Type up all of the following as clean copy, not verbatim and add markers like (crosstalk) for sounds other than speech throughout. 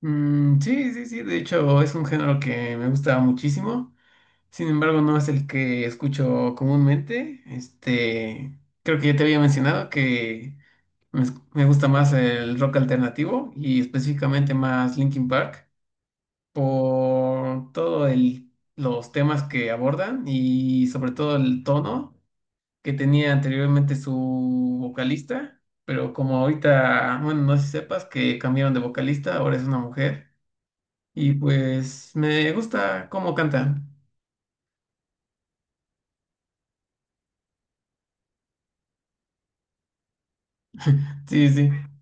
Sí, sí, sí, de hecho es un género que me gusta muchísimo, sin embargo no es el que escucho comúnmente, este, creo que ya te había mencionado que me gusta más el rock alternativo y específicamente más Linkin Park por los temas que abordan y sobre todo el tono que tenía anteriormente su vocalista, pero como ahorita, bueno, no sé si sepas que cambiaron de vocalista, ahora es una mujer. Y pues me gusta cómo canta. Sí, sí, sí.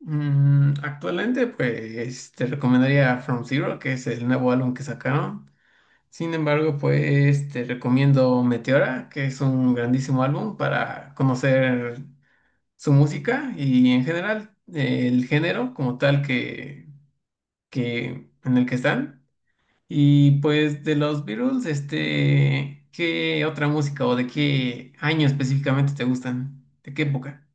Actualmente pues te recomendaría From Zero, que es el nuevo álbum que sacaron. Sin embargo, pues te recomiendo Meteora, que es un grandísimo álbum para conocer su música y en general el género como tal que en el que están. Y pues de los Beatles, este, ¿qué otra música o de qué año específicamente te gustan? ¿De qué época?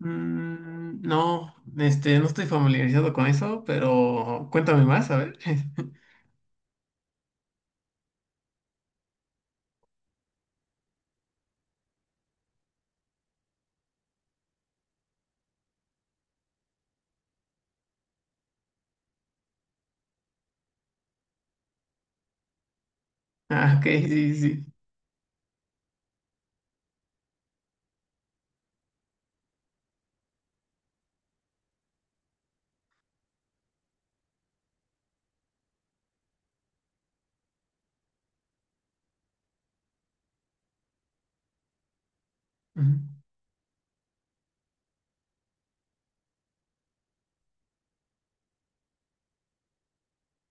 Mm, no, este, no estoy familiarizado con eso, pero cuéntame más, a ver. (laughs) Ah, ok, sí, sí. Ujú,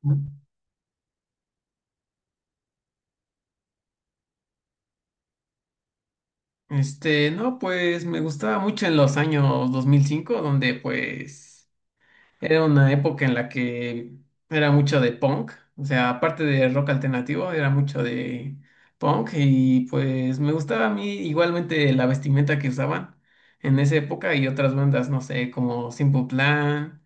ujú. Este, no, pues me gustaba mucho en los años 2005, donde pues era una época en la que era mucho de punk, o sea, aparte de rock alternativo, era mucho de punk y pues me gustaba a mí igualmente la vestimenta que usaban en esa época y otras bandas, no sé, como Simple Plan.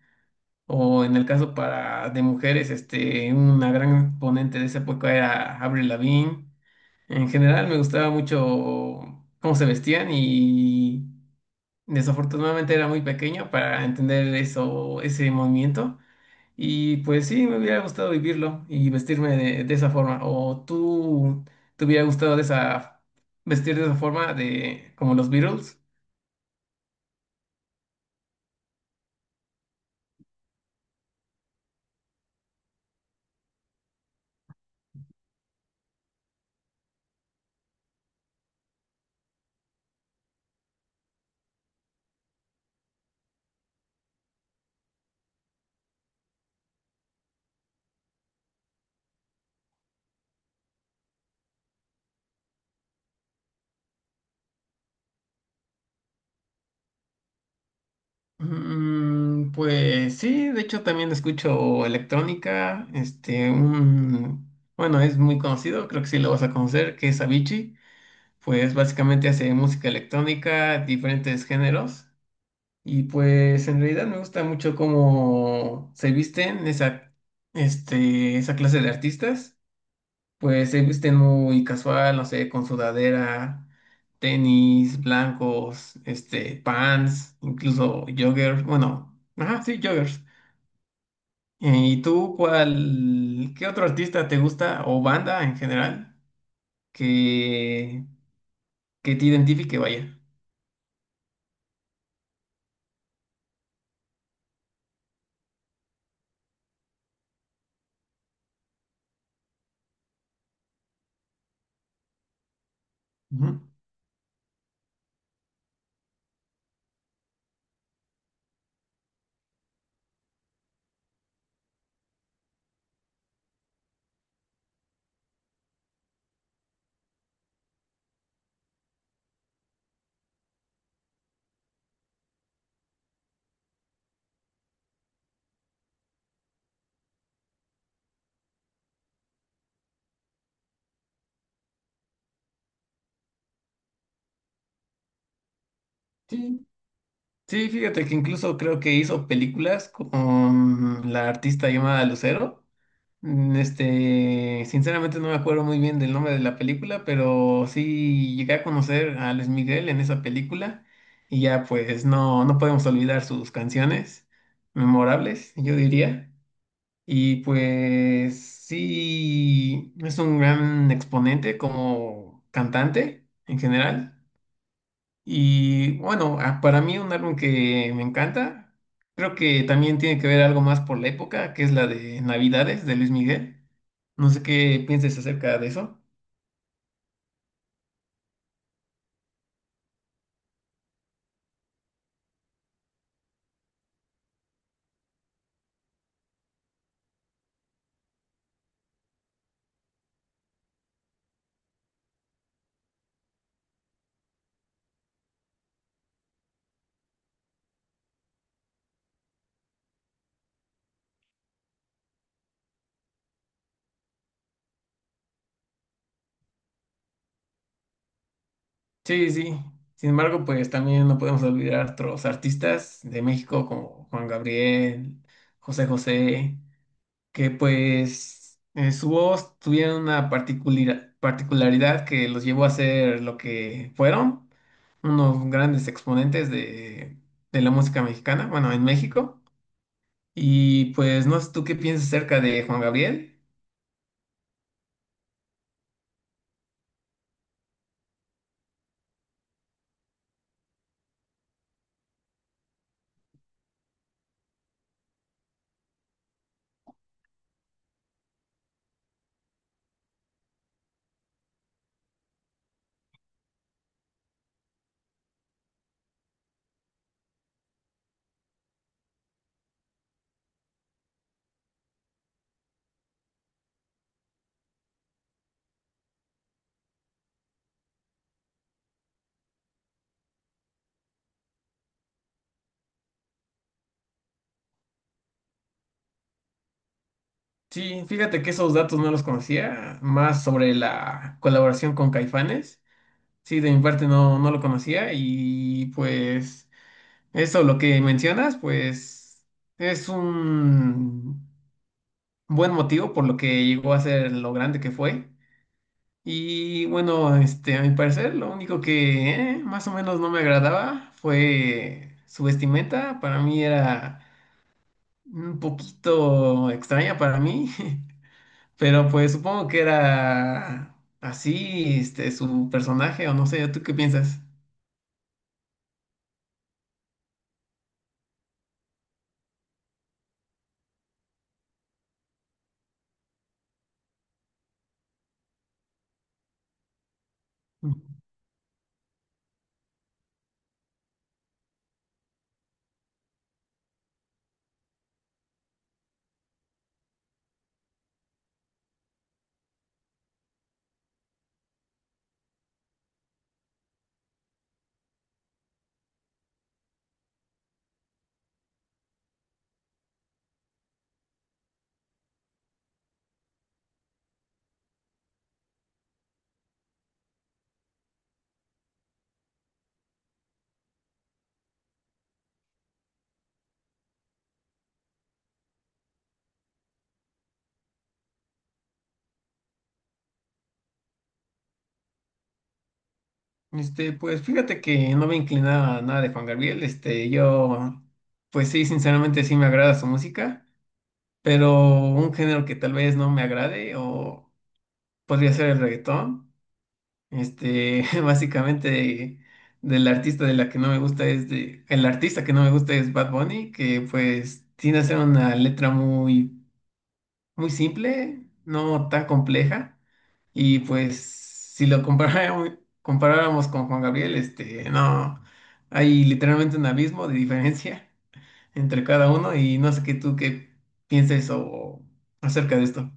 O en el caso para de mujeres, este, una gran ponente de esa época era Avril Lavigne. En general me gustaba mucho cómo se vestían y desafortunadamente era muy pequeño para entender eso, ese movimiento. Y pues sí, me hubiera gustado vivirlo y vestirme de esa forma. ¿O tú te hubiera gustado de esa vestir de esa forma de como los Beatles? Pues sí, de hecho también escucho electrónica, este, un, bueno, es muy conocido, creo que sí lo vas a conocer, que es Avicii, pues básicamente hace música electrónica, diferentes géneros, y pues en realidad me gusta mucho cómo se visten esa, este, esa clase de artistas, pues se visten muy casual, no sé, con sudadera, tenis blancos, este, pants, incluso joggers. Bueno, ajá, sí, joggers. ¿Y tú qué otro artista te gusta o banda en general que, que te identifique, vaya? Ujú. Sí, sí, fíjate que incluso creo que hizo películas con la artista llamada Lucero. Sinceramente no me acuerdo muy bien del nombre de la película, pero sí llegué a conocer a Luis Miguel en esa película y ya pues no, no podemos olvidar sus canciones memorables, yo diría. Y pues sí, es un gran exponente como cantante en general. Y bueno, para mí un álbum que me encanta, creo que también tiene que ver algo más por la época, que es la de Navidades de Luis Miguel. No sé qué pienses acerca de eso. Sí, sí. Sin embargo, pues también no podemos olvidar otros artistas de México como Juan Gabriel, José José, que pues en su voz tuvieron una particularidad que los llevó a ser lo que fueron, unos grandes exponentes de la música mexicana, bueno, en México. Y pues no sé tú qué piensas acerca de Juan Gabriel. Sí, fíjate que esos datos no los conocía, más sobre la colaboración con Caifanes. Sí, de mi parte no, no lo conocía y pues eso, lo que mencionas, pues es un buen motivo por lo que llegó a ser lo grande que fue. Y bueno, este, a mi parecer, lo único que más o menos no me agradaba fue su vestimenta. Para mí era un poquito extraña para mí. (laughs) Pero pues supongo que era así, este, su personaje, o no sé, ¿tú qué piensas? Este, pues fíjate que no me inclinaba a nada de Juan Gabriel, este, yo, pues sí, sinceramente sí me agrada su música, pero un género que tal vez no me agrade, o podría ser el reggaetón, este, (laughs) básicamente del artista de la que no me gusta es de, el artista que no me gusta es Bad Bunny, que pues tiene a ser una letra muy simple, no tan compleja. Y pues si lo comparáramos, (laughs) comparáramos con Juan Gabriel, este, no, hay literalmente un abismo de diferencia entre cada uno y no sé qué pienses o acerca de esto.